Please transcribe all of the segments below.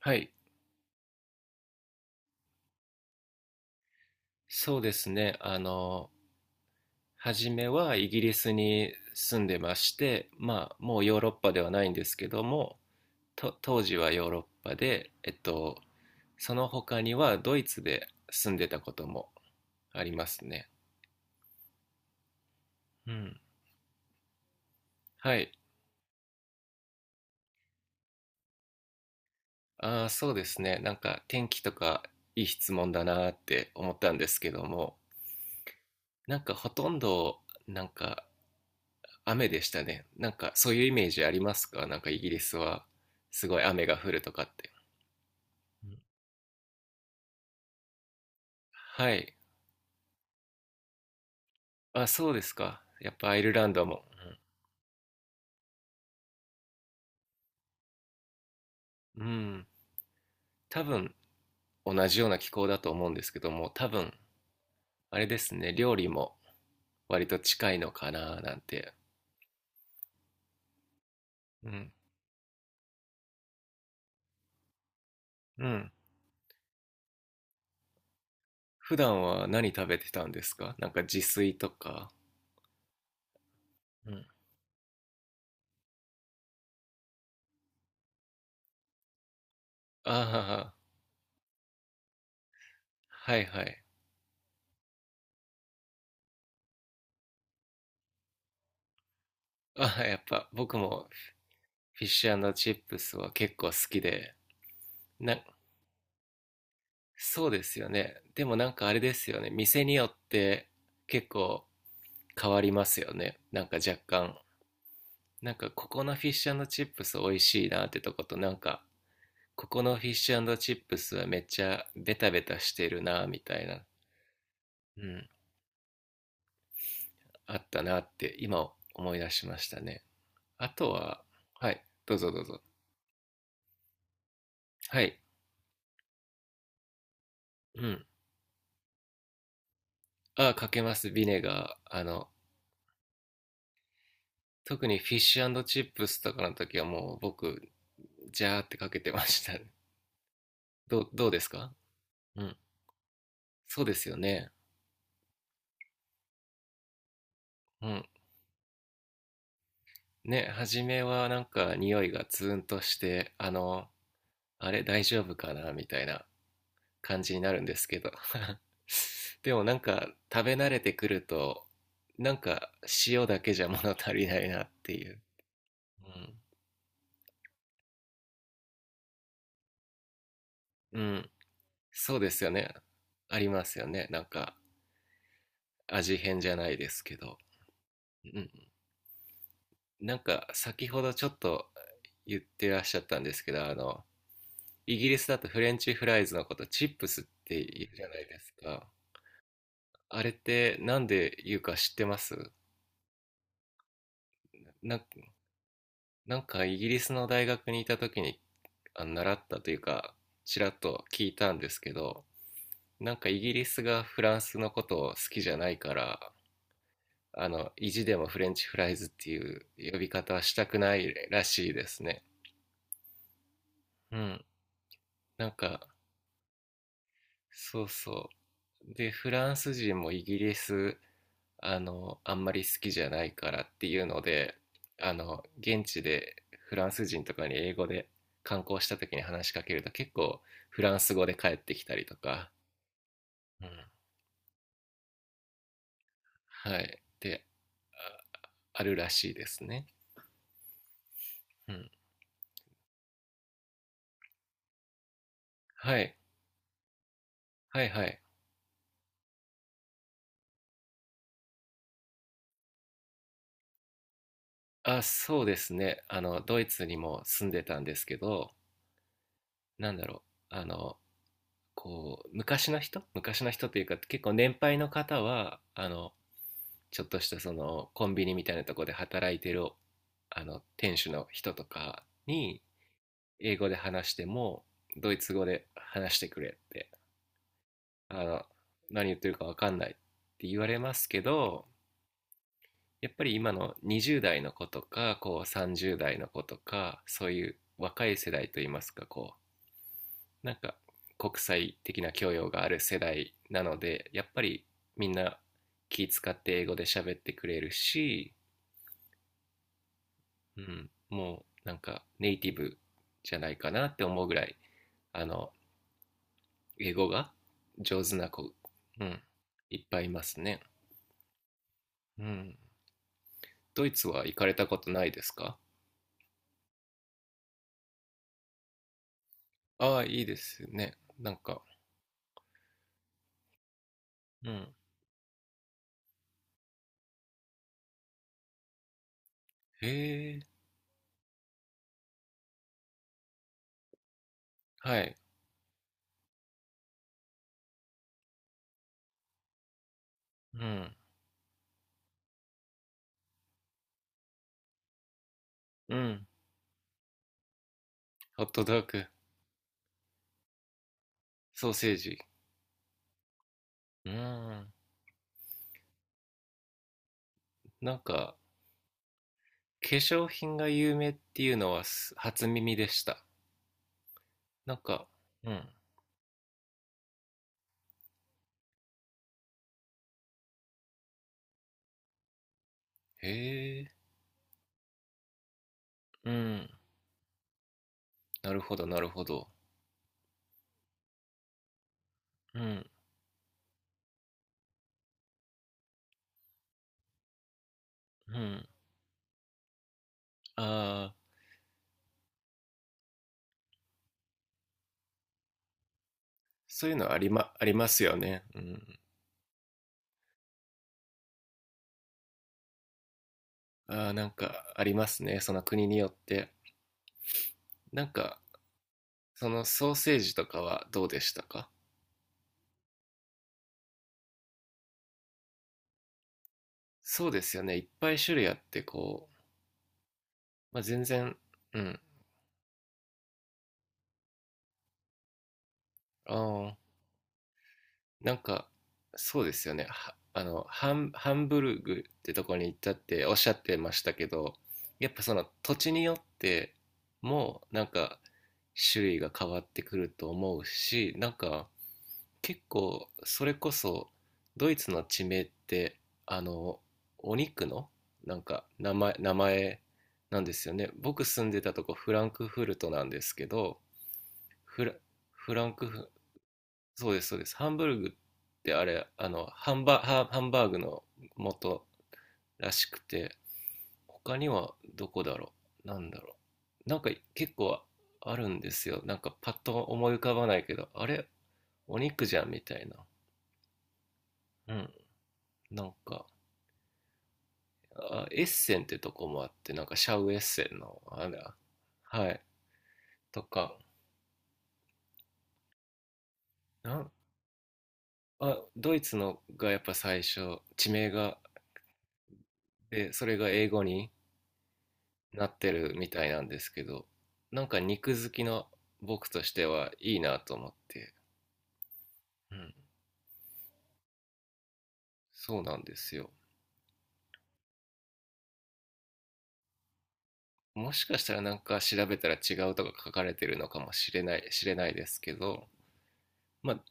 はい、そうですね。初めはイギリスに住んでまして、まあ、もうヨーロッパではないんですけども、当時はヨーロッパで、その他にはドイツで住んでたこともありますね。うん。はい。ああ、そうですね。なんか天気とか、いい質問だなーって思ったんですけども、なんかほとんど、なんか雨でしたね。なんかそういうイメージありますか？なんかイギリスはすごい雨が降るとかって。はい。あ、そうですか。やっぱアイルランドも。うん。多分同じような気候だと思うんですけども、多分あれですね。料理も割と近いのかななんて。うん。うん。普段は何食べてたんですか？なんか自炊とか。うん。ああ、はいはい。ああ、やっぱ僕もフィッシュチップスは結構好きで、な、そうですよね。でもなんかあれですよね。店によって結構変わりますよね。なんか若干。なんかここのフィッシュチップス美味しいなってとことなんかここのフィッシュチップスはめっちゃベタベタしてるなみたいな、うん、あったなって今思い出しましたね。あとは、はい、どうぞどうぞ。はい、うん。あ、かけます、ビネガー。特にフィッシュチップスとかの時はもう僕、ジャーってかけてましたね。どうですか？うん。そうですよね。うん。ね、初めはなんか匂いがツーンとして、あれ大丈夫かなみたいな感じになるんですけど。でもなんか食べ慣れてくると、なんか塩だけじゃ物足りないなっていう。うん。うん。そうですよね。ありますよね。なんか味変じゃないですけど。うん。なんか先ほどちょっと言ってらっしゃったんですけど、イギリスだとフレンチフライズのことチップスって言うじゃないですか。あれってなんで言うか知ってます？な、なんかイギリスの大学にいた時に習ったというか、ちらっと聞いたんですけど、なんかイギリスがフランスのことを好きじゃないから、意地でもフレンチフライズっていう呼び方はしたくないらしいですね。うん。なんか、そうそう。で、フランス人もイギリスあんまり好きじゃないからっていうので、現地でフランス人とかに英語で観光した時に話しかけると結構フランス語で帰ってきたりとか、うん。はい、で、あ、あるらしいですね。うん。はい、はいはい。あ、そうですね。ドイツにも住んでたんですけど、なんだろう、こう、昔の人、昔の人というか、結構年配の方は、ちょっとしたそのコンビニみたいなとこで働いてるあの店主の人とかに英語で話してもドイツ語で話してくれってあの何言ってるか分かんないって言われますけど、やっぱり今の20代の子とかこう30代の子とかそういう若い世代といいますか、こうなんか国際的な教養がある世代なのでやっぱりみんな気使って英語で喋ってくれるし、うん、もうなんかネイティブじゃないかなって思うぐらい、あの、英語が上手な子、うん、いっぱいいますね。うん。ドイツは行かれたことないですか？ああ、いいですね。なんか、うん。へえ、はい。うん、うん。ホットドッグ、ソーセージ。うん。なんか、化粧品が有名っていうのは初耳でした。なんか、うん。へえ、うん。なるほど、なるほど。うん。うん。ああ、そういうのありますよね。うん。ああ、なんかありますね。その国によって。なんか、そのソーセージとかはどうでしたか？そうですよね。いっぱい種類あって、こう、まあ、全然、うん。ああ、なんか、そうですよね。はハンブルグってとこに行ったっておっしゃってましたけど、やっぱその土地によってもなんか種類が変わってくると思うし、なんか結構それこそドイツの地名って、あの、お肉のなんか名前なんですよね。僕住んでたとこフランクフルトなんですけど、フラ、フランクフそうです、そうです。ハンブルグってあれハンバーグの元らしくて、他にはどこだろう、なんだろう、なんか結構あるんですよ。なんかパッと思い浮かばないけど、あれお肉じゃんみたいな。うん、なんか、あ、エッセンってとこもあって、なんかシャウエッセンのあれ、はい、とか、なんあドイツのがやっぱ最初、地名が、でそれが英語になってるみたいなんですけど、なんか肉好きの僕としてはいいなと思って、うん、そうなんですよ。もしかしたらなんか調べたら違うとか書かれてるのかもしれないですけど、まあ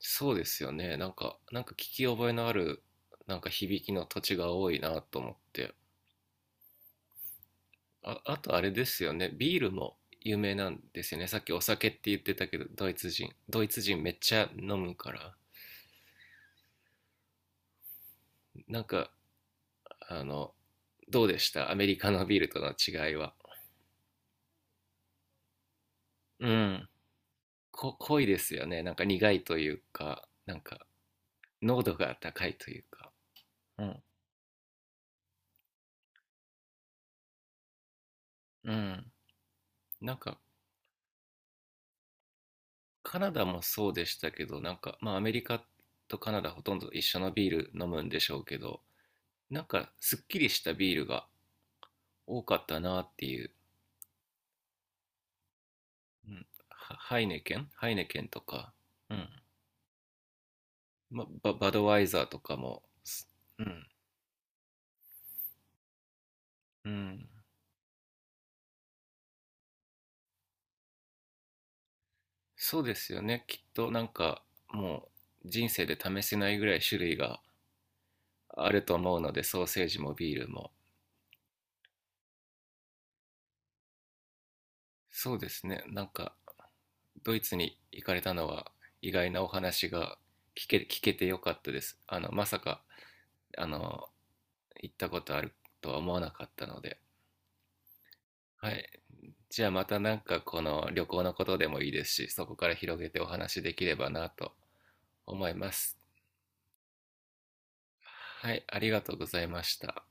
そうですよね。なんか聞き覚えのある、なんか響きの土地が多いなと思って。あ、あとあれですよね。ビールも有名なんですよね。さっきお酒って言ってたけど、ドイツ人。ドイツ人めっちゃ飲むから。なんかあの、どうでしたアメリカのビールとの違いは。うん。濃いですよね。なんか苦いというか、なんか濃度が高いというか。うん。なんかカナダもそうでしたけど、なんかまあアメリカとカナダほとんど一緒のビール飲むんでしょうけど、なんかすっきりしたビールが多かったなっていう。うん、ハイネケンとか、うん。ま、バドワイザーとかも、うん。うん。そうですよね。きっとなんかもう人生で試せないぐらい種類があると思うので、ソーセージもビールも。そうですね。なんかドイツに行かれたのは意外なお話が聞けてよかったです。まさか、あの、行ったことあるとは思わなかったので。はい。じゃあまたなんかこの旅行のことでもいいですし、そこから広げてお話できればなと思います。はい、ありがとうございました。